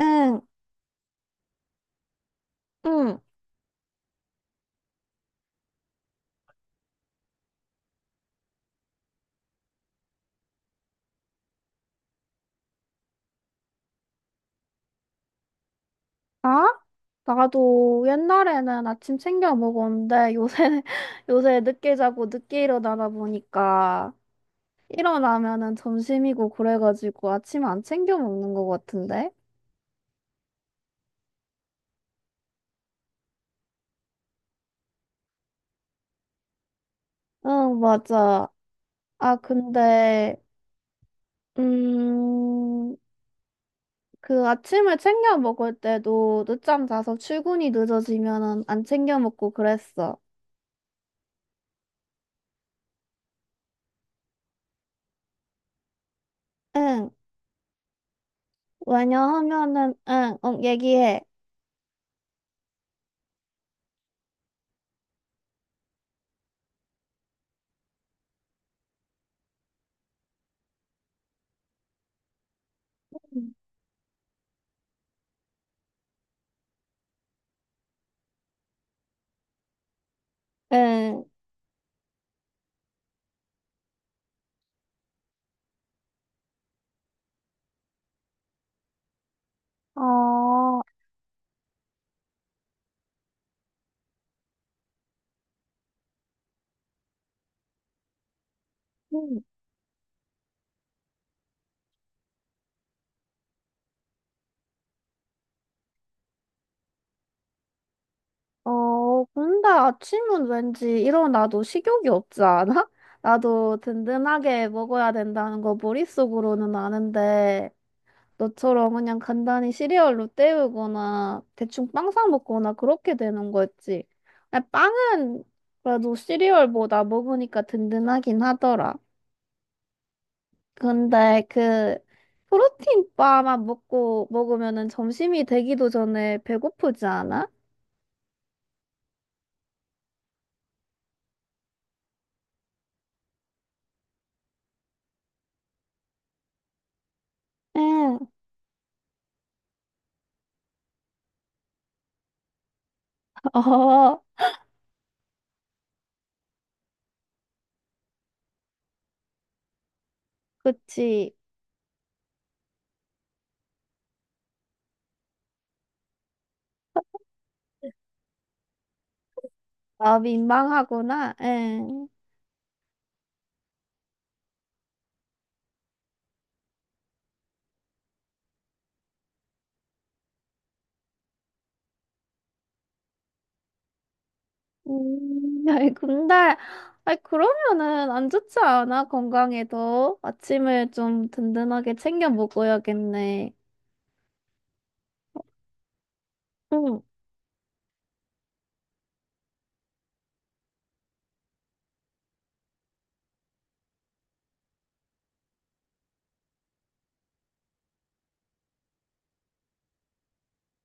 응, 응. 아? 나도 옛날에는 아침 챙겨 먹었는데 요새 요새 늦게 자고 늦게 일어나다 보니까 일어나면은 점심이고 그래가지고 아침 안 챙겨 먹는 것 같은데? 응, 맞아. 아, 근데 음, 그 아침을 챙겨 먹을 때도 늦잠 자서 출근이 늦어지면은 안 챙겨 먹고 그랬어. 응. 왜냐하면은 응, 응, 얘기해. 응. 아, 음, 근데 아침은 왠지 일어나도 식욕이 없지 않아? 나도 든든하게 먹어야 된다는 거 머릿속으로는 아는데, 너처럼 그냥 간단히 시리얼로 때우거나, 대충 빵사 먹거나 그렇게 되는 거였지. 근데 빵은 그래도 시리얼보다 먹으니까 든든하긴 하더라. 근데 그, 프로틴 바만 먹고 먹으면은 점심이 되기도 전에 배고프지 않아? 응. 어, 그치. 아, 민망하구나. 응. 아이, 근데, 아이, 그러면은 안 좋지 않아? 건강에도. 아침을 좀 든든하게 챙겨 먹어야겠네. 응,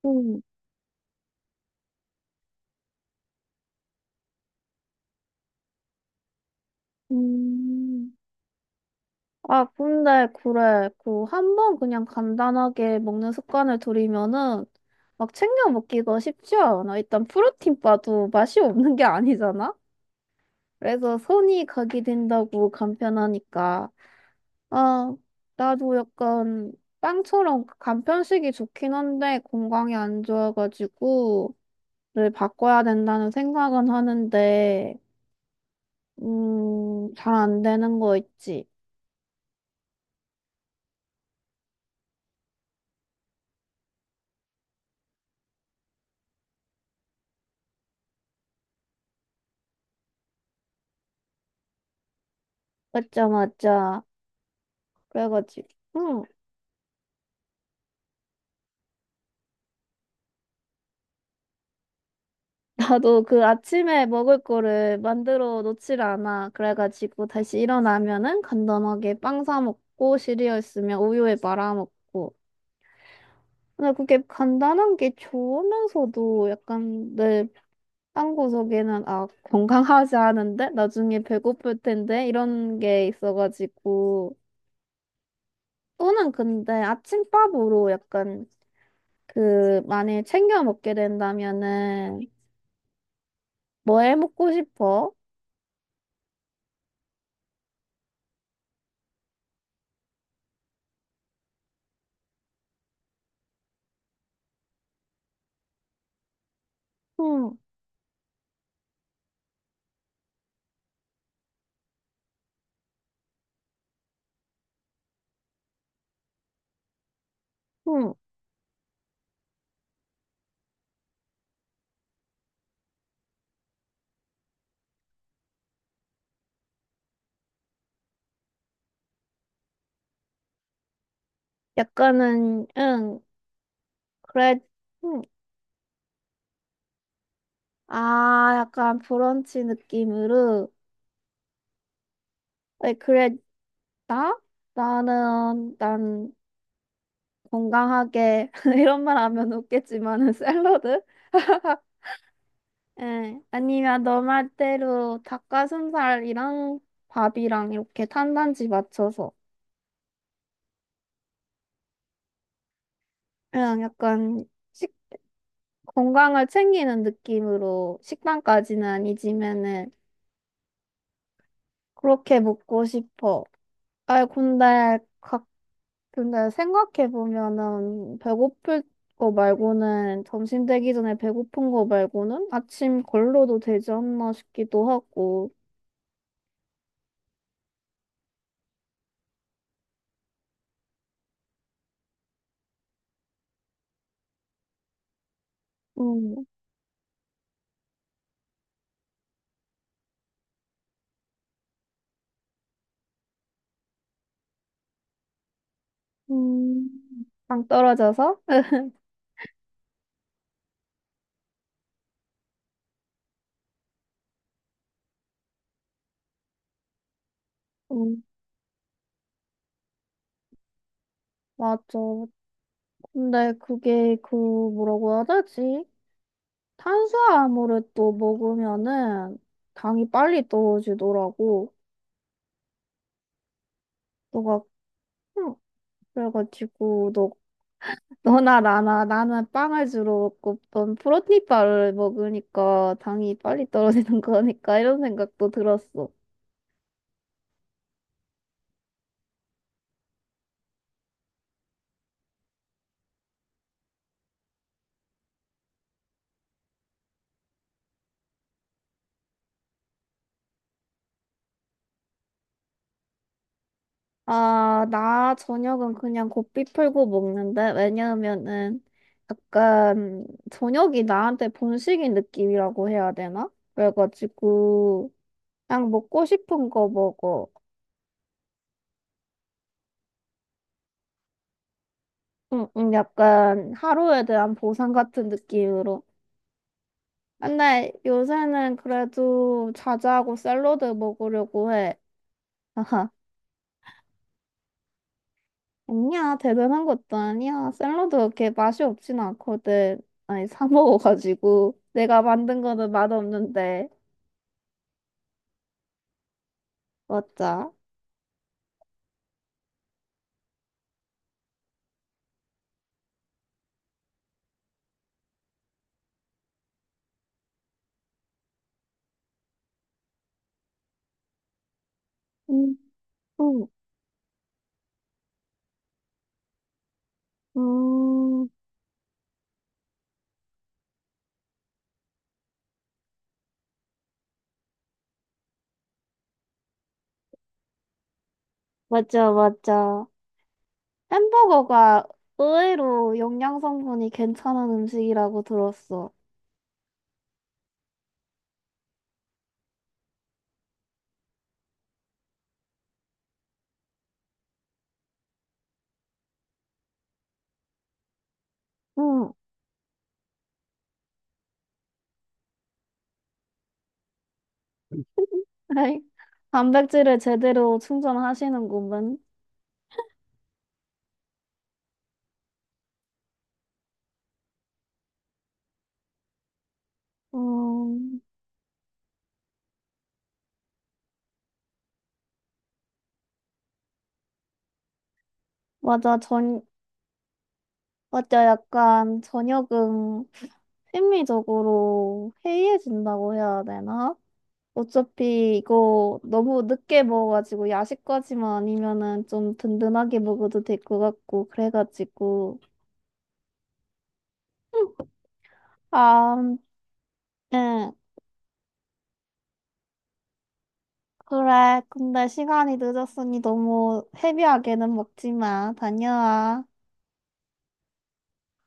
응, 음. 아, 근데, 그래. 그, 한 번 그냥 간단하게 먹는 습관을 들이면은 막 챙겨 먹기가 쉽지 않아. 일단 프로틴바도 맛이 없는 게 아니잖아? 그래서 손이 가게 된다고 간편하니까. 아, 나도 약간 빵처럼 그 간편식이 좋긴 한데 건강에 안 좋아가지고 를 바꿔야 된다는 생각은 하는데 잘 안 되는 거 있지. 맞자, 맞자. 그래가지고 응. 나도 그 아침에 먹을 거를 만들어 놓질 않아. 그래가지고 다시 일어나면은 간단하게 빵 사 먹고 시리얼 있으면 우유에 말아 먹고 근데 그게 간단한 게 좋으면서도 약간 내 딴 구석에는 아 건강하지 않은데 나중에 배고플 텐데 이런 게 있어가지고 또는 근데 아침밥으로 약간 그 만약에 챙겨 먹게 된다면은 뭐 해 먹고 싶어? 음, 음. 약간은 응 그래 음. 아 약간 브런치 느낌으로 왜 그래 나? 나는 난 건강하게 이런 말 하면 웃겠지만은 샐러드? 예, 아니면 너 말대로 닭가슴살이랑 밥이랑 이렇게 탄단지 맞춰서 그냥 약간 식, 건강을 챙기는 느낌으로 식단까지는 아니지만은 그렇게 먹고 싶어. 아, 근데 각 근데 생각해 보면은 배고플 거 말고는 점심 되기 전에 배고픈 거 말고는 아침 걸러도 되지 않나 싶기도 하고. 음, 음, 당 떨어져서. 응 맞아. 근데 그게 그 뭐라고 해야 되지? 탄수화물을 또 먹으면은 당이 빨리 떨어지더라고. 너가 응. 그래가지고 너 너나 나나 나는 빵을 주로 먹고 넌 프로틴바를 먹으니까 당이 빨리 떨어지는 거니까 이런 생각도 들었어. 아, 나 저녁은 그냥 고삐 풀고 먹는데 왜냐하면은 약간 저녁이 나한테 본식인 느낌이라고 해야 되나? 그래가지고 그냥 먹고 싶은 거 먹어. 응, 응, 약간 하루에 대한 보상 같은 느낌으로. 근데 요새는 그래도 자자하고 샐러드 먹으려고 해. 아하. 아니야, 대단한 것도 아니야. 샐러드 그렇게 맛이 없진 않거든. 아니, 사 먹어가지고. 내가 만든 거는 맛없는데. 맞아. 음, 음, 음, 맞아, 맞아. 햄버거가 의외로 영양 성분이 괜찮은 음식이라고 들었어. 응. 에이, 단백질을 제대로 충전하시는구먼. 음, 맞아. 맞아. 약간 저녁은 심리적으로 해이해진다고 해야 되나? 어차피 이거 너무 늦게 먹어가지고 야식까지만 아니면은 좀 든든하게 먹어도 될 것 같고, 그래가지고. 아, 응. 그래. 근데 시간이 늦었으니 너무 헤비하게는 먹지 마. 다녀와.